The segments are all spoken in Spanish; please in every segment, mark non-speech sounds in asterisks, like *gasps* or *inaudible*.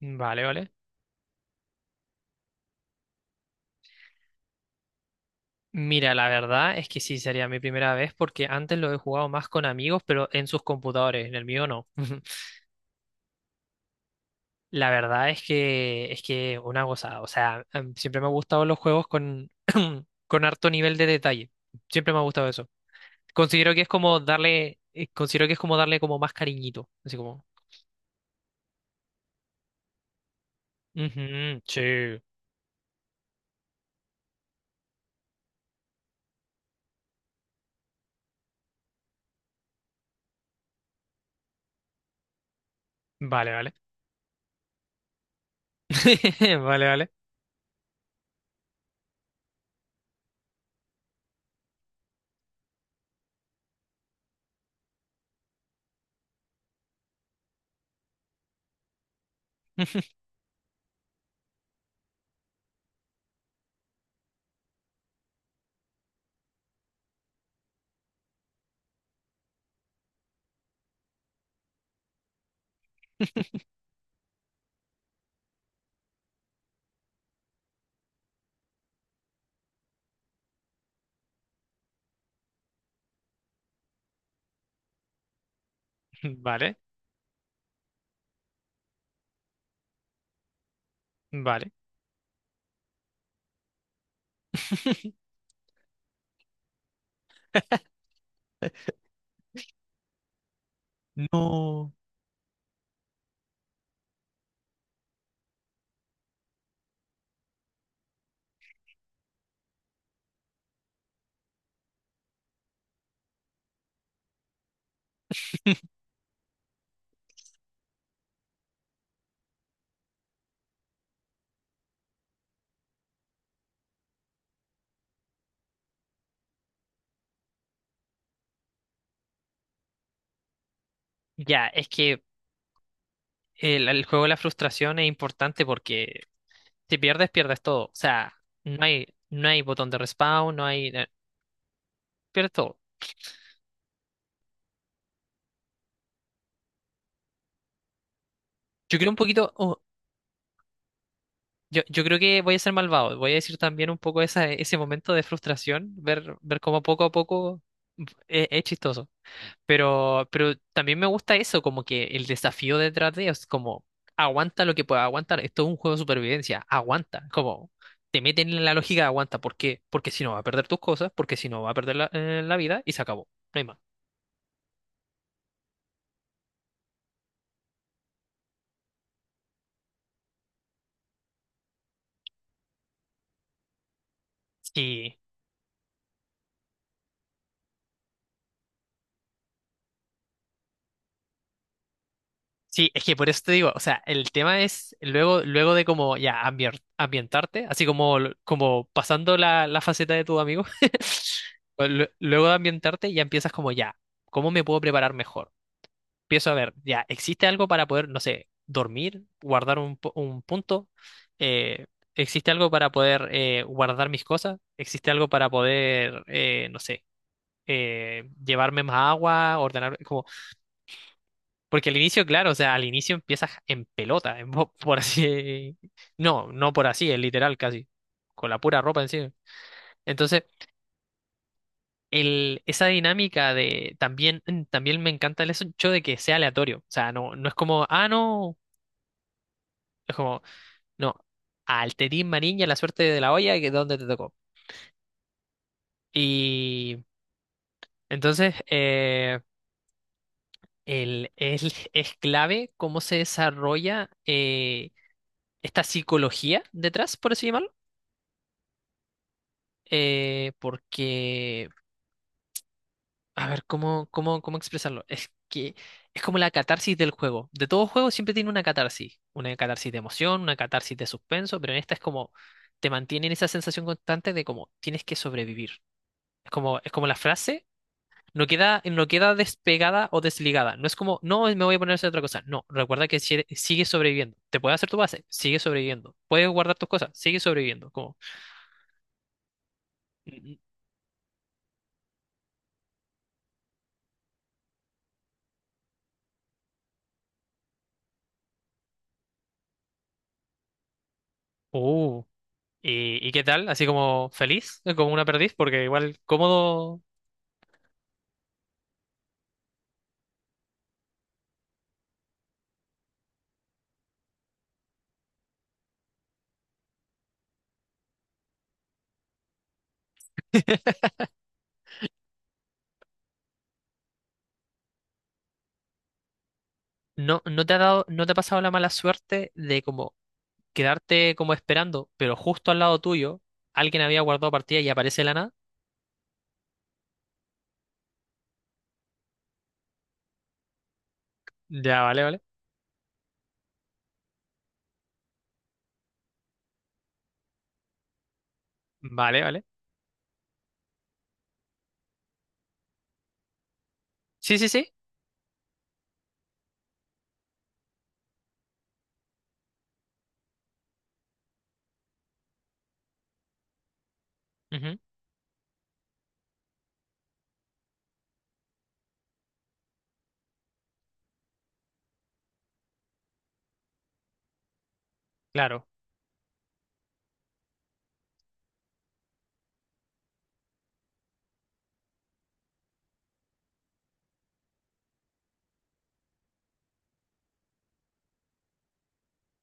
Vale, vale. Mira, la verdad es que sí sería mi primera vez porque antes lo he jugado más con amigos, pero en sus computadores, en el mío no. *laughs* La verdad es que una gozada. O sea, siempre me han gustado los juegos *clears throat* con harto nivel de detalle. Siempre me ha gustado eso. Considero que es como considero que es como darle como más cariñito. Así como. "Ujú, sí. Vale, vale. *laughs* Vale, vale. *laughs* Vale, vale. No. Ya, es que el juego de la frustración es importante porque si pierdes, pierdes todo. O sea, no hay botón de respawn, no hay... pierdes todo. Yo creo un poquito... oh, yo creo que voy a ser malvado. Voy a decir también un poco ese momento de frustración, ver cómo poco a poco es chistoso. Pero también me gusta eso, como que el desafío detrás de es como aguanta lo que pueda aguantar. Esto es un juego de supervivencia, aguanta. Como te meten en la lógica, de aguanta. ¿Por qué? Porque si no va a perder tus cosas, porque si no va a perder la vida y se acabó. No hay más. Sí, sí, es que por eso te digo, o sea, el tema es luego de como ya ambientarte, así como, como pasando la faceta de tu amigo, *laughs* luego de ambientarte ya empiezas como ya, ¿cómo me puedo preparar mejor? Empiezo a ver, ya, ¿existe algo para poder, no sé, dormir, guardar un punto? Eh, ¿Existe algo para poder guardar mis cosas? ¿Existe algo para poder, no sé, llevarme más agua, ordenar, como, porque al inicio, claro, o sea, al inicio empiezas en pelota, *laughs* por así, no, no por así, es literal casi, con la pura ropa encima. Entonces, esa dinámica de también, también me encanta el hecho de que sea aleatorio. O sea, no, no es como, ah, no. Es como, no, al Tetín Marín a la suerte de la olla, que es donde te tocó. Y entonces, el, el- *laughs* es clave cómo se desarrolla esta psicología detrás, por así llamarlo. eh, porque, a ver, ¿cómo expresarlo? Es que es como la catarsis del juego. De todo juego siempre tiene una catarsis. Una catarsis de emoción, una catarsis de suspenso, pero en esta es como te mantienen esa sensación constante de como tienes que sobrevivir. Es como la frase. No queda despegada o desligada. No es como, no, me voy a poner a hacer otra cosa. No, recuerda que sigue sobreviviendo. Te puedes hacer tu base, sigue sobreviviendo. Puedes guardar tus cosas, sigue sobreviviendo. Como, mm, mm, uh, y qué tal? Así como feliz, como una perdiz, porque igual cómodo. *laughs* No, no te ha pasado la mala suerte de como quedarte como esperando, pero justo al lado tuyo alguien había guardado partida y aparece de la nada. Ya, vale, vale. Vale, vale. Sí, sí, sí. Ujú, claro.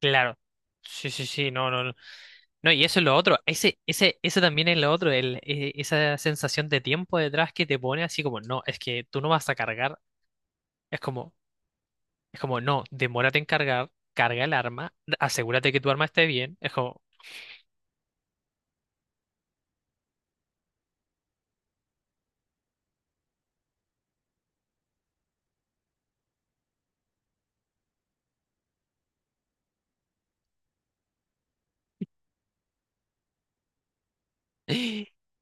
Claro. Sí, sí, sí, no, no, no. No, y eso es lo otro. Ese también es lo otro, esa sensación de tiempo detrás que te pone así como, no, es que tú no vas a cargar. Es como, es como, no, demórate en cargar, carga el arma, asegúrate que tu arma esté bien. Es como, *gasps*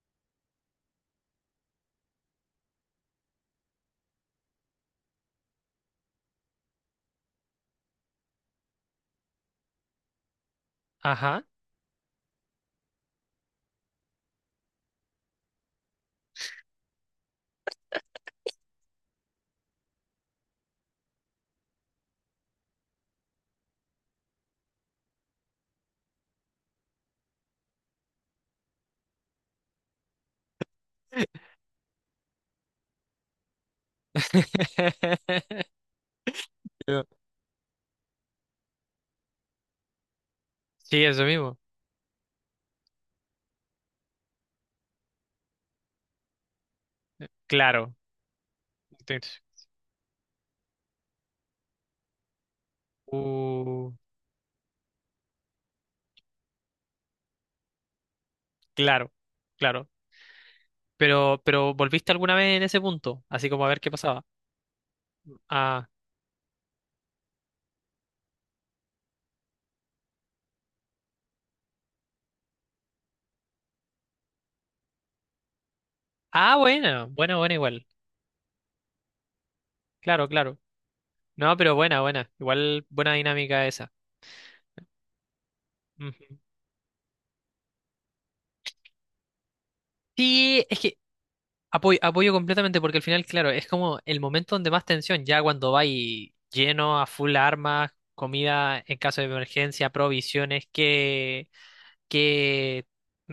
ajá. *laughs* Yo, sí, eso mismo. Claro. Entonces, uh, claro, claro. Pero ¿volviste alguna vez en ese punto? Así como a ver qué pasaba. Ah, ah, bueno, bueno, bueno, igual. Claro, claro. No, pero buena, buena. Igual buena dinámica esa. Ujú. Sí, es que apoyo, apoyo completamente porque al final, claro, es como el momento donde más tensión, ya cuando va y lleno a full armas, comida en caso de emergencia, provisiones, que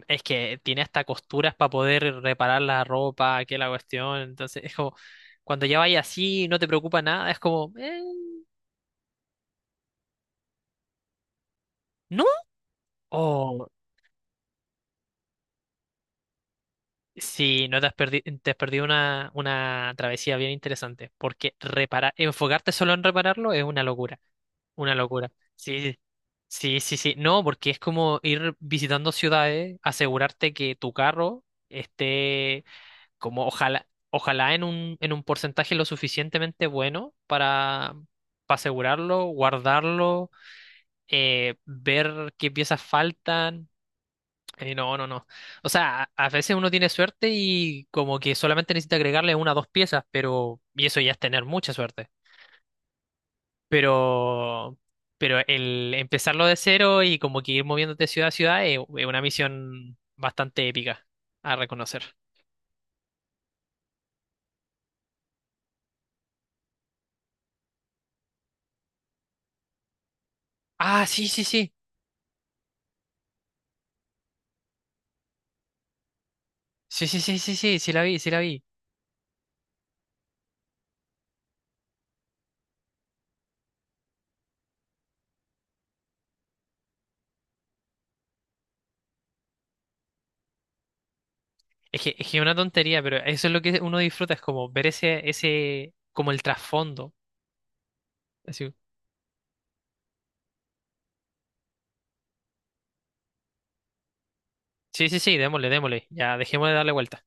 es que tiene hasta costuras para poder reparar la ropa, que la cuestión. Entonces, es como cuando ya vaya así, no te preocupa nada, es como, ¿no? Sí, no te has perdido, te has perdido una travesía bien interesante, porque reparar, enfocarte solo en repararlo es una locura, una locura. Sí, sí, sí, sí. No, porque es como ir visitando ciudades, asegurarte que tu carro esté como ojalá, ojalá en un porcentaje lo suficientemente bueno para asegurarlo, guardarlo, ver qué piezas faltan no, no, no. O sea, a veces uno tiene suerte y como que solamente necesita agregarle una o dos piezas, pero... Y eso ya es tener mucha suerte. Pero... Pero el empezarlo de cero y como que ir moviéndote ciudad a ciudad es una misión bastante épica a reconocer. Ah, sí, sí, sí. Sí, sí, sí, sí, sí, sí la vi, sí la vi. Es que es una tontería, pero eso es lo que uno disfruta, es como ver ese, como el trasfondo. Así, sí, sí, sí, démosle, démosle. Ya, dejemos de darle vuelta.